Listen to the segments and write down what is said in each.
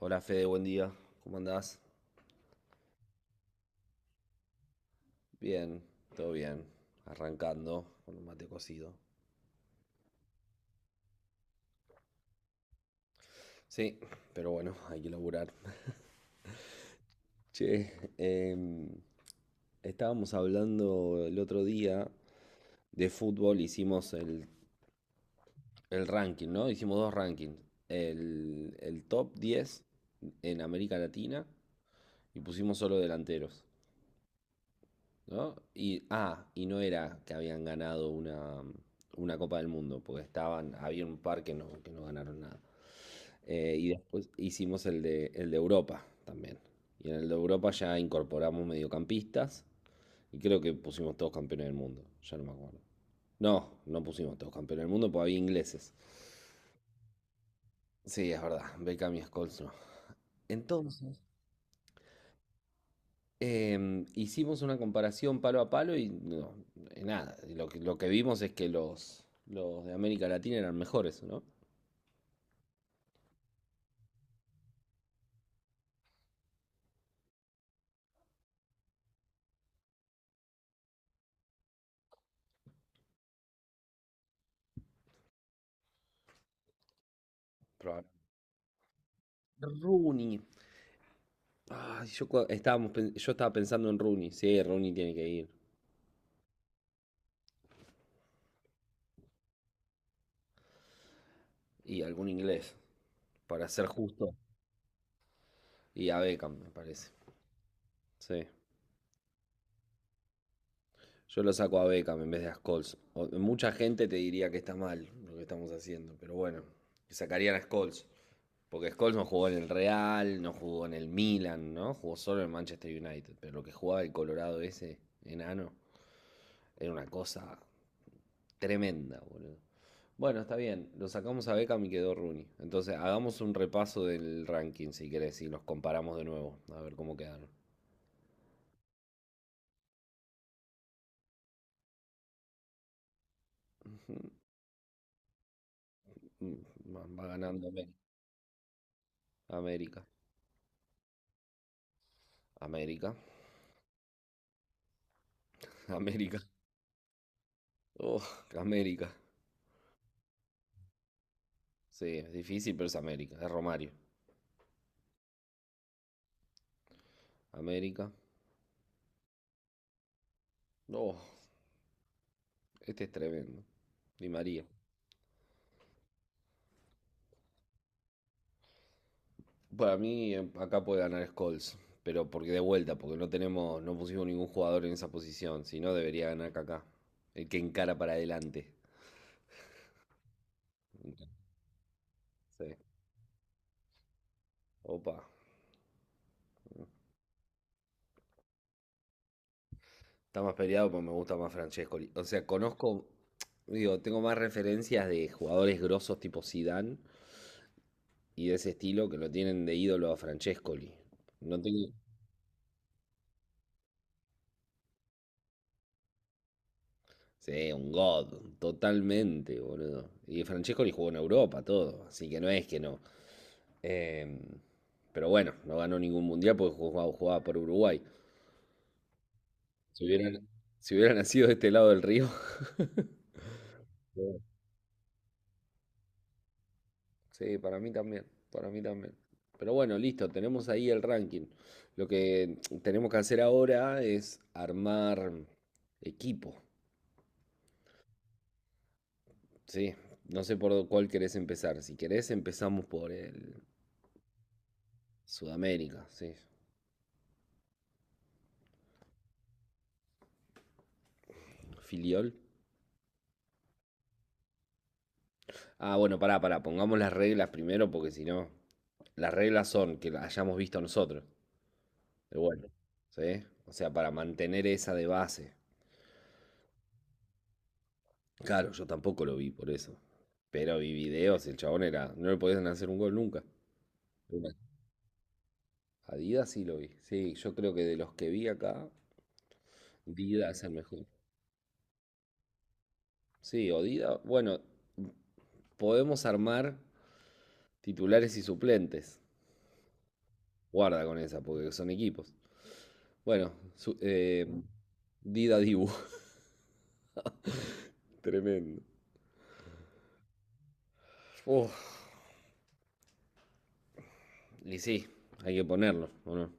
Hola Fede, buen día. ¿Cómo andás? Bien, todo bien. Arrancando con un mate cocido. Sí, pero bueno, hay que laburar. Che, em, estábamos hablando el otro día de fútbol, hicimos el ranking, ¿no? Hicimos dos rankings. El top 10 en América Latina y pusimos solo delanteros. ¿No? Y no era que habían ganado una Copa del Mundo, porque estaban, había un par que no, ganaron nada. Y después hicimos el de Europa también. Y en el de Europa ya incorporamos mediocampistas y creo que pusimos todos campeones del mundo, ya no me acuerdo. No, no pusimos todos campeones del mundo porque había ingleses. Sí, es verdad, Beckham y Scholes no. Entonces, hicimos una comparación palo a palo y no, nada, lo que vimos es que los de América Latina eran mejores, ¿no? Probablemente. Rooney. Ay, yo estaba pensando en Rooney. Sí, Rooney tiene que ir. Y algún inglés, para ser justo. Y a Beckham, me parece. Sí. Yo lo saco a Beckham en vez de a Scholes. Mucha gente te diría que está mal lo que estamos haciendo, pero bueno, sacarían a Scholes. Porque Scholes no jugó en el Real, no jugó en el Milan, ¿no? Jugó solo en Manchester United. Pero lo que jugaba el Colorado ese, enano, era una cosa tremenda, boludo. Bueno, está bien, lo sacamos a Beckham y quedó Rooney. Entonces, hagamos un repaso del ranking, si querés, y los comparamos de nuevo, a ver cómo quedaron. Mm, va ganando América. América. América. Oh, América. Sí, es difícil, pero es América. Es Romario. América. Oh, este es tremendo. Di María. Para mí, acá puede ganar Scholes. Pero porque de vuelta, porque no tenemos, no pusimos ningún jugador en esa posición. Si no, debería ganar Kaká. El que encara para adelante. Sí. Opa. Está más peleado, pero me gusta más Francescoli. O sea, conozco, digo, tengo más referencias de jugadores grosos tipo Zidane y de ese estilo que lo tienen de ídolo a Francescoli. No tengo. Sí, un god, totalmente, boludo. Y Francesco le jugó en Europa, todo, así que no es que no. Eh, pero bueno, no ganó ningún mundial porque jugaba por Uruguay. Si hubieran, si hubiera nacido de este lado del río. Sí, para mí también, para mí también. Pero bueno, listo, tenemos ahí el ranking. Lo que tenemos que hacer ahora es armar equipo, ¿sí? No sé por cuál querés empezar. Si querés, empezamos por el Sudamérica, ¿sí? Filiol. Ah, bueno, pará, pará, pongamos las reglas primero porque si no, las reglas son que las hayamos visto nosotros, el bueno, ¿sí? O sea, para mantener esa de base. Claro, yo tampoco lo vi por eso. Pero vi videos, el chabón era, no le podían hacer un gol nunca. Una. Adidas sí lo vi. Sí, yo creo que de los que vi acá, Dida es el mejor. Sí, o Dida, bueno, podemos armar titulares y suplentes. Guarda con esa, porque son equipos. Bueno, Dida Dibu. Tremendo. Uf, y sí, hay que ponerlo, ¿o no?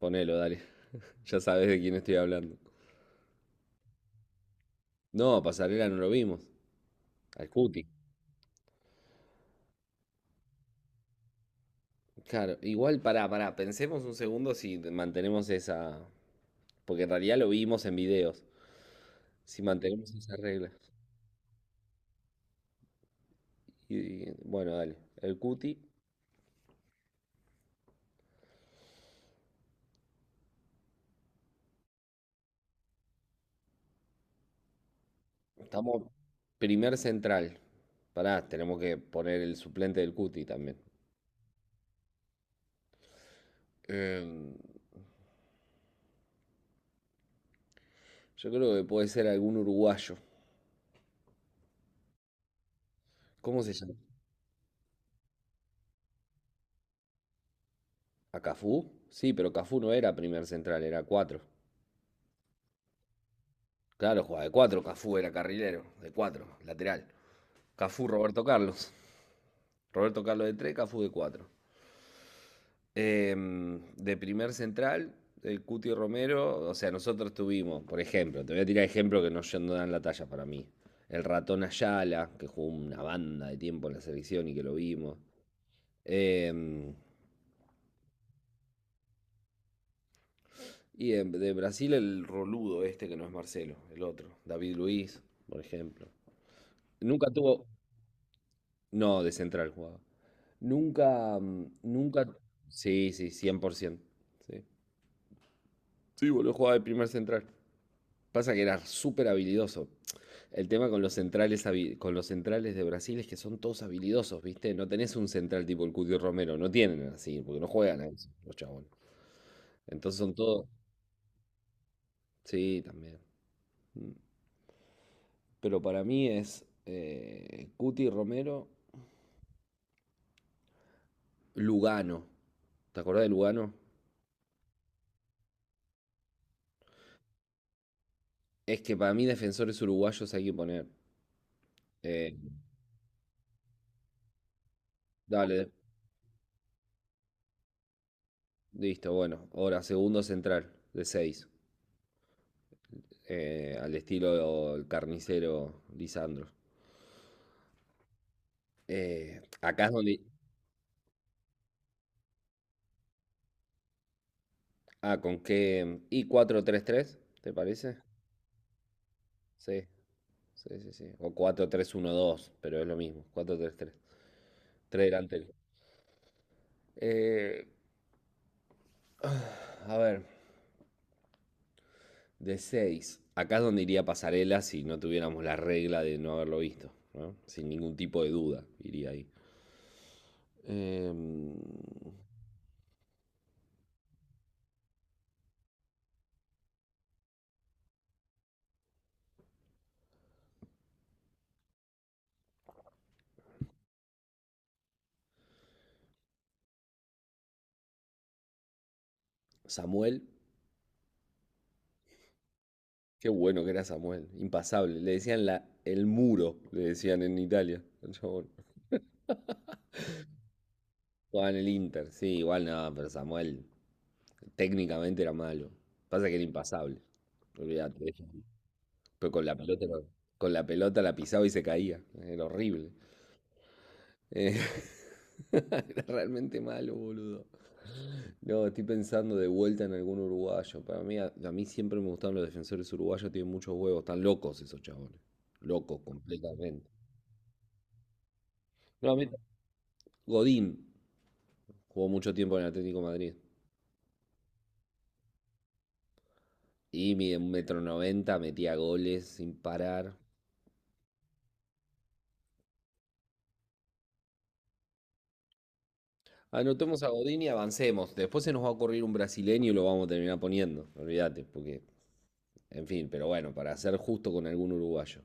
Ponelo, dale. Ya sabes de quién estoy hablando. No, Pasarela no lo vimos. Al Cuti. Claro, igual pará, pará, pensemos un segundo si mantenemos esa. Porque en realidad lo vimos en videos. Si mantenemos esas reglas. Y, y, bueno, dale. El Cuti. Estamos primer central. Pará, tenemos que poner el suplente del Cuti también. Em, Yo creo que puede ser algún uruguayo. ¿Cómo se llama? ¿A Cafú? Sí, pero Cafú no era primer central, era cuatro. Claro, jugaba de cuatro, Cafú era carrilero, de cuatro, lateral. Cafú, Roberto Carlos. Roberto Carlos de tres, Cafú de cuatro. De primer central, el Cuti Romero, o sea, nosotros tuvimos, por ejemplo, te voy a tirar ejemplos que no dan la talla para mí. El ratón Ayala, que jugó una banda de tiempo en la selección y que lo vimos. Em, Y de Brasil el roludo este que no es Marcelo, el otro, David Luiz, por ejemplo. Nunca tuvo, no, de central jugaba. Nunca, sí, sí, 100%. Sí, sí boludo, jugaba de primer central. Pasa que era súper habilidoso. El tema con los centrales, con los centrales de Brasil es que son todos habilidosos, ¿viste? No tenés un central tipo el Cuti Romero, no tienen así, porque no juegan a eso, los chabones. Entonces son todos, sí, también. Pero para mí es Cuti Romero, Lugano. ¿Te acordás de Lugano? Es que para mí defensores uruguayos hay que poner. Eh, dale, listo, bueno. Ahora, segundo central de 6, al estilo el carnicero Lisandro. Acá es donde. Ah, con qué. Y 4-3-3, ¿te parece? Sí, sí, sí, sí. O 4-3-1-2, pero es lo mismo. 4-3-3. Tres delanteros. Eh, a ver, de seis. Acá es donde iría Pasarela si no tuviéramos la regla de no haberlo visto. ¿No? Sin ningún tipo de duda, iría ahí. Em, Samuel. Qué bueno que era Samuel. Impasable. Le decían el muro, le decían en Italia. Al Jugaba en el Inter. Sí, igual no, pero Samuel técnicamente era malo. Pasa que era impasable. Olvídate. Pero con la pelota la pisaba y se caía. Era horrible. Eh, Era realmente malo, boludo. No, estoy pensando de vuelta en algún uruguayo. Para mí, a mí siempre me gustaron los defensores uruguayos, tienen muchos huevos, están locos esos chabones. Locos completamente. No, Godín jugó mucho tiempo en el Atlético de Madrid. Y mide un metro noventa, metía goles sin parar. Anotemos a Godín y avancemos. Después se nos va a ocurrir un brasileño y lo vamos a terminar poniendo. Olvídate, porque, en fin, pero bueno, para ser justo con algún uruguayo.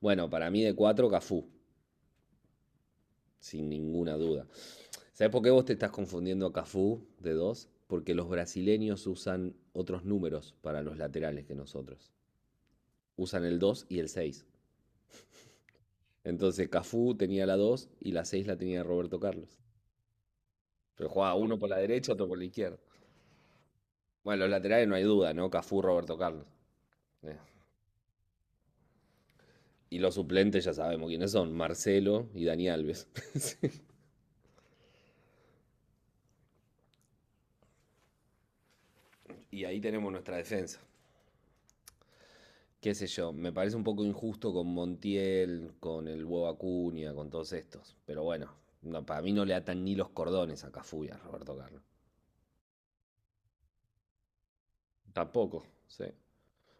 Bueno, para mí de cuatro, Cafú, sin ninguna duda. ¿Sabes por qué vos te estás confundiendo a Cafú de dos? Porque los brasileños usan otros números para los laterales que nosotros. Usan el 2 y el seis. Entonces Cafú tenía la 2 y la 6 la tenía Roberto Carlos. Pero jugaba uno por la derecha, otro por la izquierda. Bueno, los laterales no hay duda, ¿no? Cafú, Roberto Carlos. Eh. Y los suplentes ya sabemos quiénes son, Marcelo y Dani Alves. Y ahí tenemos nuestra defensa. Qué sé yo, me parece un poco injusto con Montiel, con el huevo Acuña, con todos estos. Pero bueno, no, para mí no le atan ni los cordones a Cafú y a Roberto Carlos. Tampoco, sí.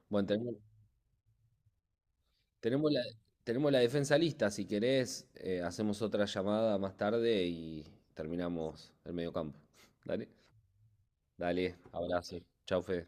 Bueno, tenemos la, tenemos la defensa lista. Si querés, hacemos otra llamada más tarde y terminamos el mediocampo. Dale, dale, abrazo. Chau, Fede.